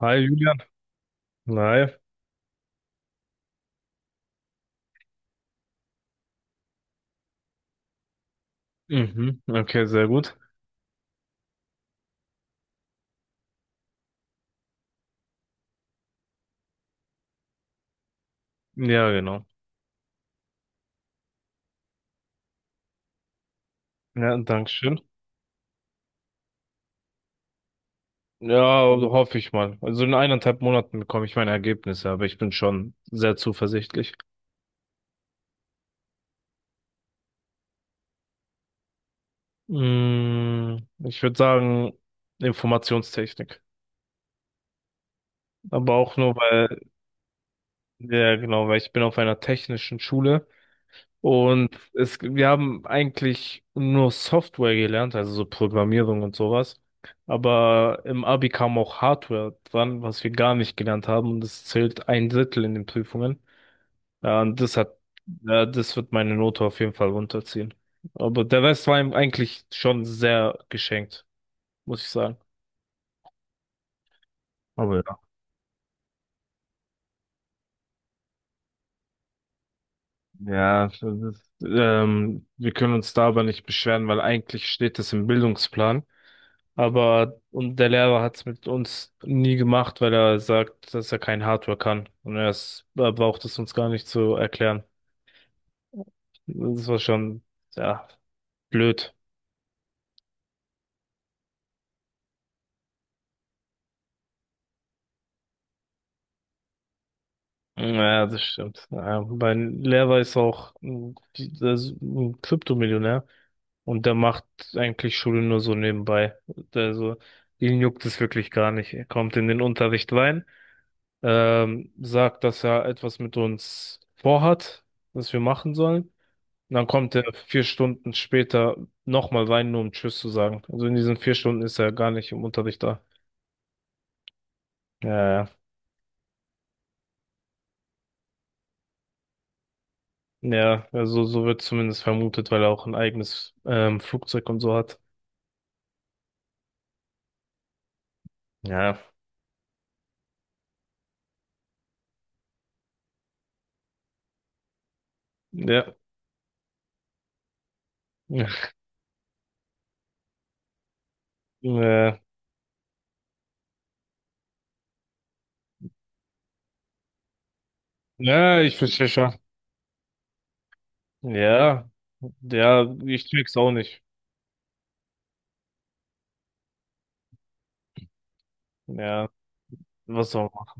Hi Julian. Hi. Mhm. Okay, sehr gut. Ja, genau. Ja, danke schön. Ja, hoffe ich mal. Also in 1,5 Monaten bekomme ich meine Ergebnisse, aber ich bin schon sehr zuversichtlich. Mm, Ich würde sagen, Informationstechnik. Aber auch nur, weil, ja, genau, weil ich bin auf einer technischen Schule. Wir haben eigentlich nur Software gelernt, also so Programmierung und sowas. Aber im Abi kam auch Hardware dran, was wir gar nicht gelernt haben. Und das zählt ein Drittel in den Prüfungen. Ja, und das hat, ja, das wird meine Note auf jeden Fall runterziehen. Aber der Rest war ihm eigentlich schon sehr geschenkt, muss ich sagen. Aber ja, ja, wir können uns da aber nicht beschweren, weil eigentlich steht es im Bildungsplan. Und der Lehrer hat es mit uns nie gemacht, weil er sagt, dass er kein Hardware kann. Und er braucht es uns gar nicht zu erklären. Das war schon, ja, blöd. Ja, das stimmt. Ja, mein Lehrer ist auch ein Kryptomillionär und der macht eigentlich Schule nur so nebenbei. Also, ihn juckt es wirklich gar nicht. Er kommt in den Unterricht rein, sagt, dass er etwas mit uns vorhat, was wir machen sollen. Und dann kommt er 4 Stunden später nochmal rein, nur um Tschüss zu sagen. Also in diesen 4 Stunden ist er gar nicht im Unterricht da. Ja, ja, ja, also so wird zumindest vermutet, weil er auch ein eigenes Flugzeug und so hat. Ja, ja, ja, ja, ich verstehe schon. Ja, ja, ich check's auch nicht. Ja, was auch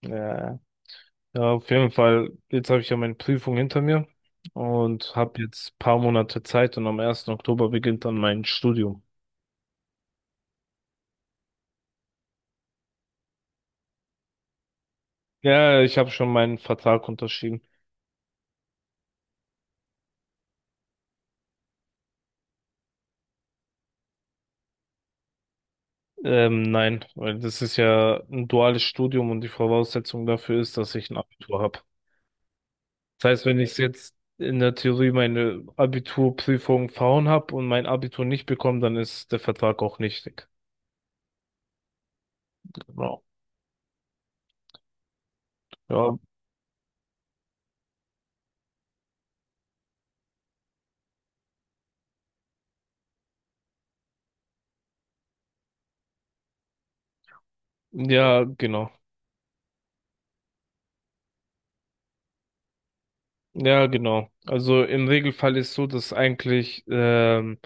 immer. Ja, ja, auf jeden Fall, jetzt habe ich ja meine Prüfung hinter mir und habe jetzt paar Monate Zeit und am ersten Oktober beginnt dann mein Studium. Ja, ich habe schon meinen Vertrag unterschrieben. Nein, weil das ist ja ein duales Studium und die Voraussetzung dafür ist, dass ich ein Abitur habe. Das heißt, wenn ich jetzt in der Theorie meine Abiturprüfung verhauen habe und mein Abitur nicht bekomme, dann ist der Vertrag auch nichtig. Genau. Ja, ja, genau. Ja, genau. Also im Regelfall ist so, dass eigentlich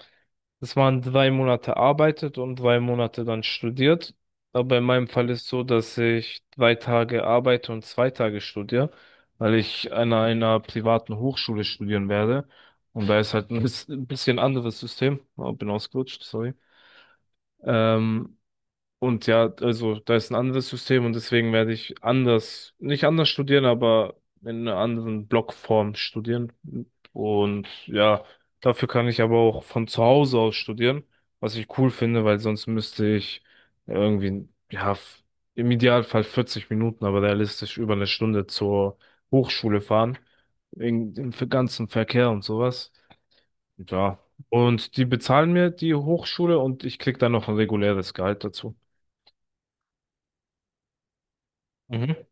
dass man 3 Monate arbeitet und 3 Monate dann studiert. Aber in meinem Fall ist so, dass ich 3 Tage arbeite und 2 Tage studiere, weil ich an einer privaten Hochschule studieren werde. Und da ist halt ein bisschen anderes System. Oh, bin ausgerutscht, sorry. Ähm, und ja, also da ist ein anderes System und deswegen werde ich anders, nicht anders studieren, aber in einer anderen Blockform studieren. Und ja, dafür kann ich aber auch von zu Hause aus studieren, was ich cool finde, weil sonst müsste ich irgendwie, ja, im Idealfall 40 Minuten, aber realistisch über eine Stunde zur Hochschule fahren, wegen dem ganzen Verkehr und sowas. Ja. Und die bezahlen mir die Hochschule und ich krieg dann noch ein reguläres Gehalt dazu. Mhm.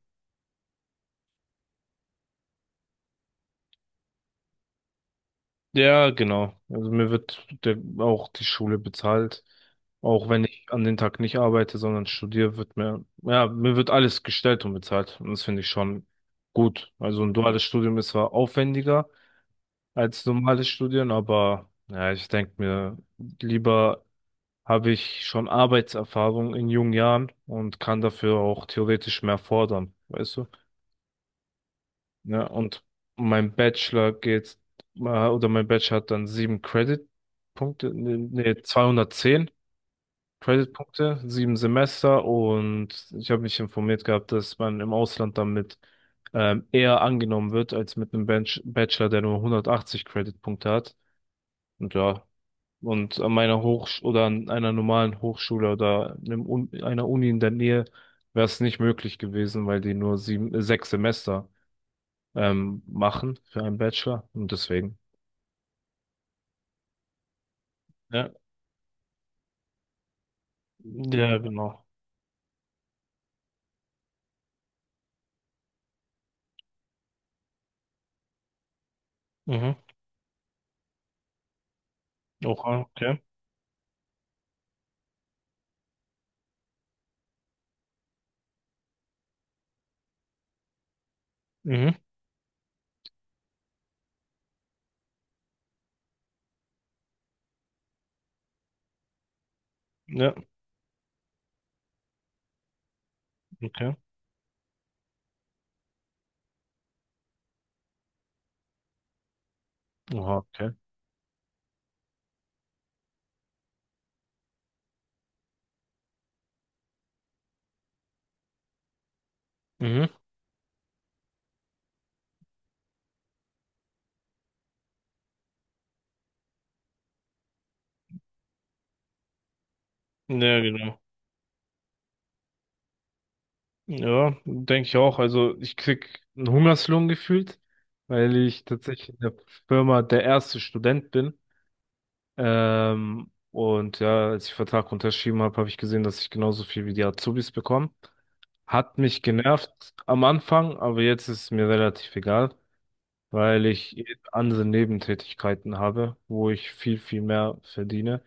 Ja, genau. Also auch die Schule bezahlt. Auch wenn ich an den Tag nicht arbeite, sondern studiere, ja, mir wird alles gestellt und bezahlt. Und das finde ich schon gut. Also ein duales Studium ist zwar aufwendiger als normales Studieren, aber ja, ich denke mir, lieber habe ich schon Arbeitserfahrung in jungen Jahren und kann dafür auch theoretisch mehr fordern. Weißt du? Ja, und mein Bachelor geht, mein Bachelor hat dann 7 Credit-Punkte, nee, nee, 210 Creditpunkte, 7 Semester, und ich habe mich informiert gehabt, dass man im Ausland damit eher angenommen wird als mit einem Bench Bachelor, der nur 180 Creditpunkte hat. Und ja, und an meiner Hochsch oder an einer normalen Hochschule oder einem Un einer Uni in der Nähe wäre es nicht möglich gewesen, weil die nur 6 Semester machen für einen Bachelor. Und deswegen. Ja, ja, genau. Mhm. Oha, okay. Mhm. Ja, okay. Oha, okay. Mhm. Ja, genau. Ja, denke ich auch. Also ich krieg einen Hungerslohn gefühlt, weil ich tatsächlich in der Firma der erste Student bin. Und ja, als ich den Vertrag unterschrieben habe, habe ich gesehen, dass ich genauso viel wie die Azubis bekomme. Hat mich genervt am Anfang, aber jetzt ist es mir relativ egal. Weil ich eben andere Nebentätigkeiten habe, wo ich viel, viel mehr verdiene.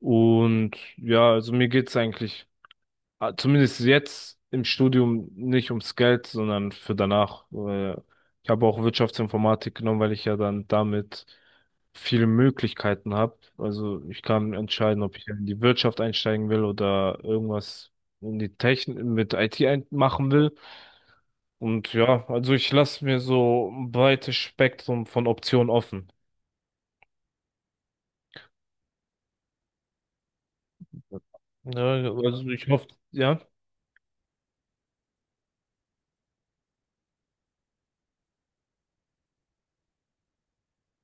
Und ja, also mir geht's eigentlich, zumindest jetzt im Studium, nicht ums Geld, sondern für danach. Ich habe auch Wirtschaftsinformatik genommen, weil ich ja dann damit viele Möglichkeiten habe. Also ich kann entscheiden, ob ich in die Wirtschaft einsteigen will oder irgendwas in die Technik mit IT ein machen will. Und ja, also ich lasse mir so ein breites Spektrum von Optionen offen. Ja, also ich hoffe, ja.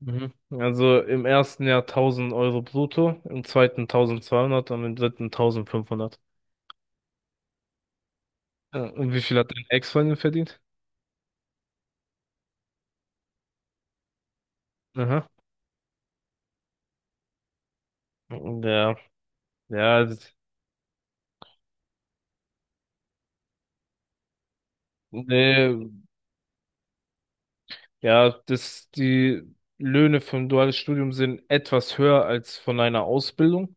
Mhm. Also im ersten Jahr 1000 Euro brutto, im zweiten 1200 und im dritten 1500. Ja, und wie viel hat dein Ex-Freundin verdient? Aha. Ja, ja, das, nee, ja, das, die Löhne für ein duales Studium sind etwas höher als von einer Ausbildung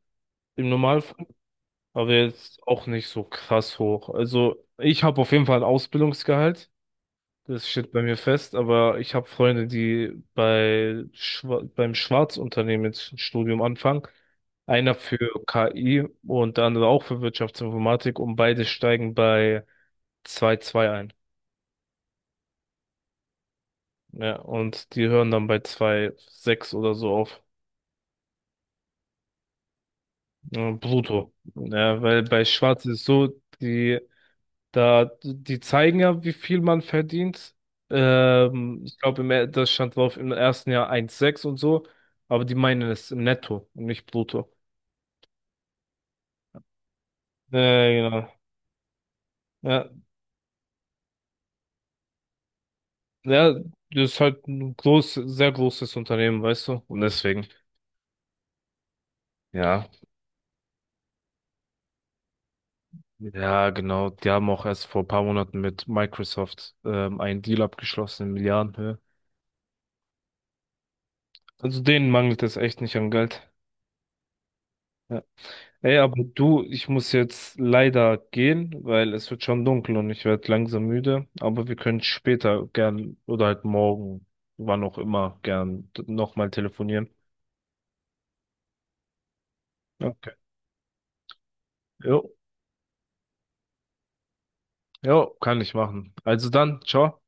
im Normalfall. Aber jetzt auch nicht so krass hoch. Also ich habe auf jeden Fall ein Ausbildungsgehalt, das steht bei mir fest, aber ich habe Freunde, die beim Schwarzunternehmen jetzt ein Studium anfangen. Einer für KI und der andere auch für Wirtschaftsinformatik, und beide steigen bei 2,2 ein. Ja, und die hören dann bei 2,6 oder so auf. Ja, brutto. Ja, weil bei Schwarz ist es so, die zeigen ja, wie viel man verdient. Ich glaube, das stand drauf, im ersten Jahr 1,6 und so. Aber die meinen es im Netto und nicht brutto. Genau. Ja, ja, das ist halt ein sehr großes Unternehmen, weißt du? Und deswegen, ja. Ja, genau. Die haben auch erst vor ein paar Monaten mit Microsoft einen Deal abgeschlossen in Milliardenhöhe. Also denen mangelt es echt nicht an Geld. Ja. Ey, aber du, ich muss jetzt leider gehen, weil es wird schon dunkel und ich werde langsam müde. Aber wir können später gern oder halt morgen, wann auch immer, gern nochmal telefonieren. Okay. Jo, jo, kann ich machen. Also dann, ciao.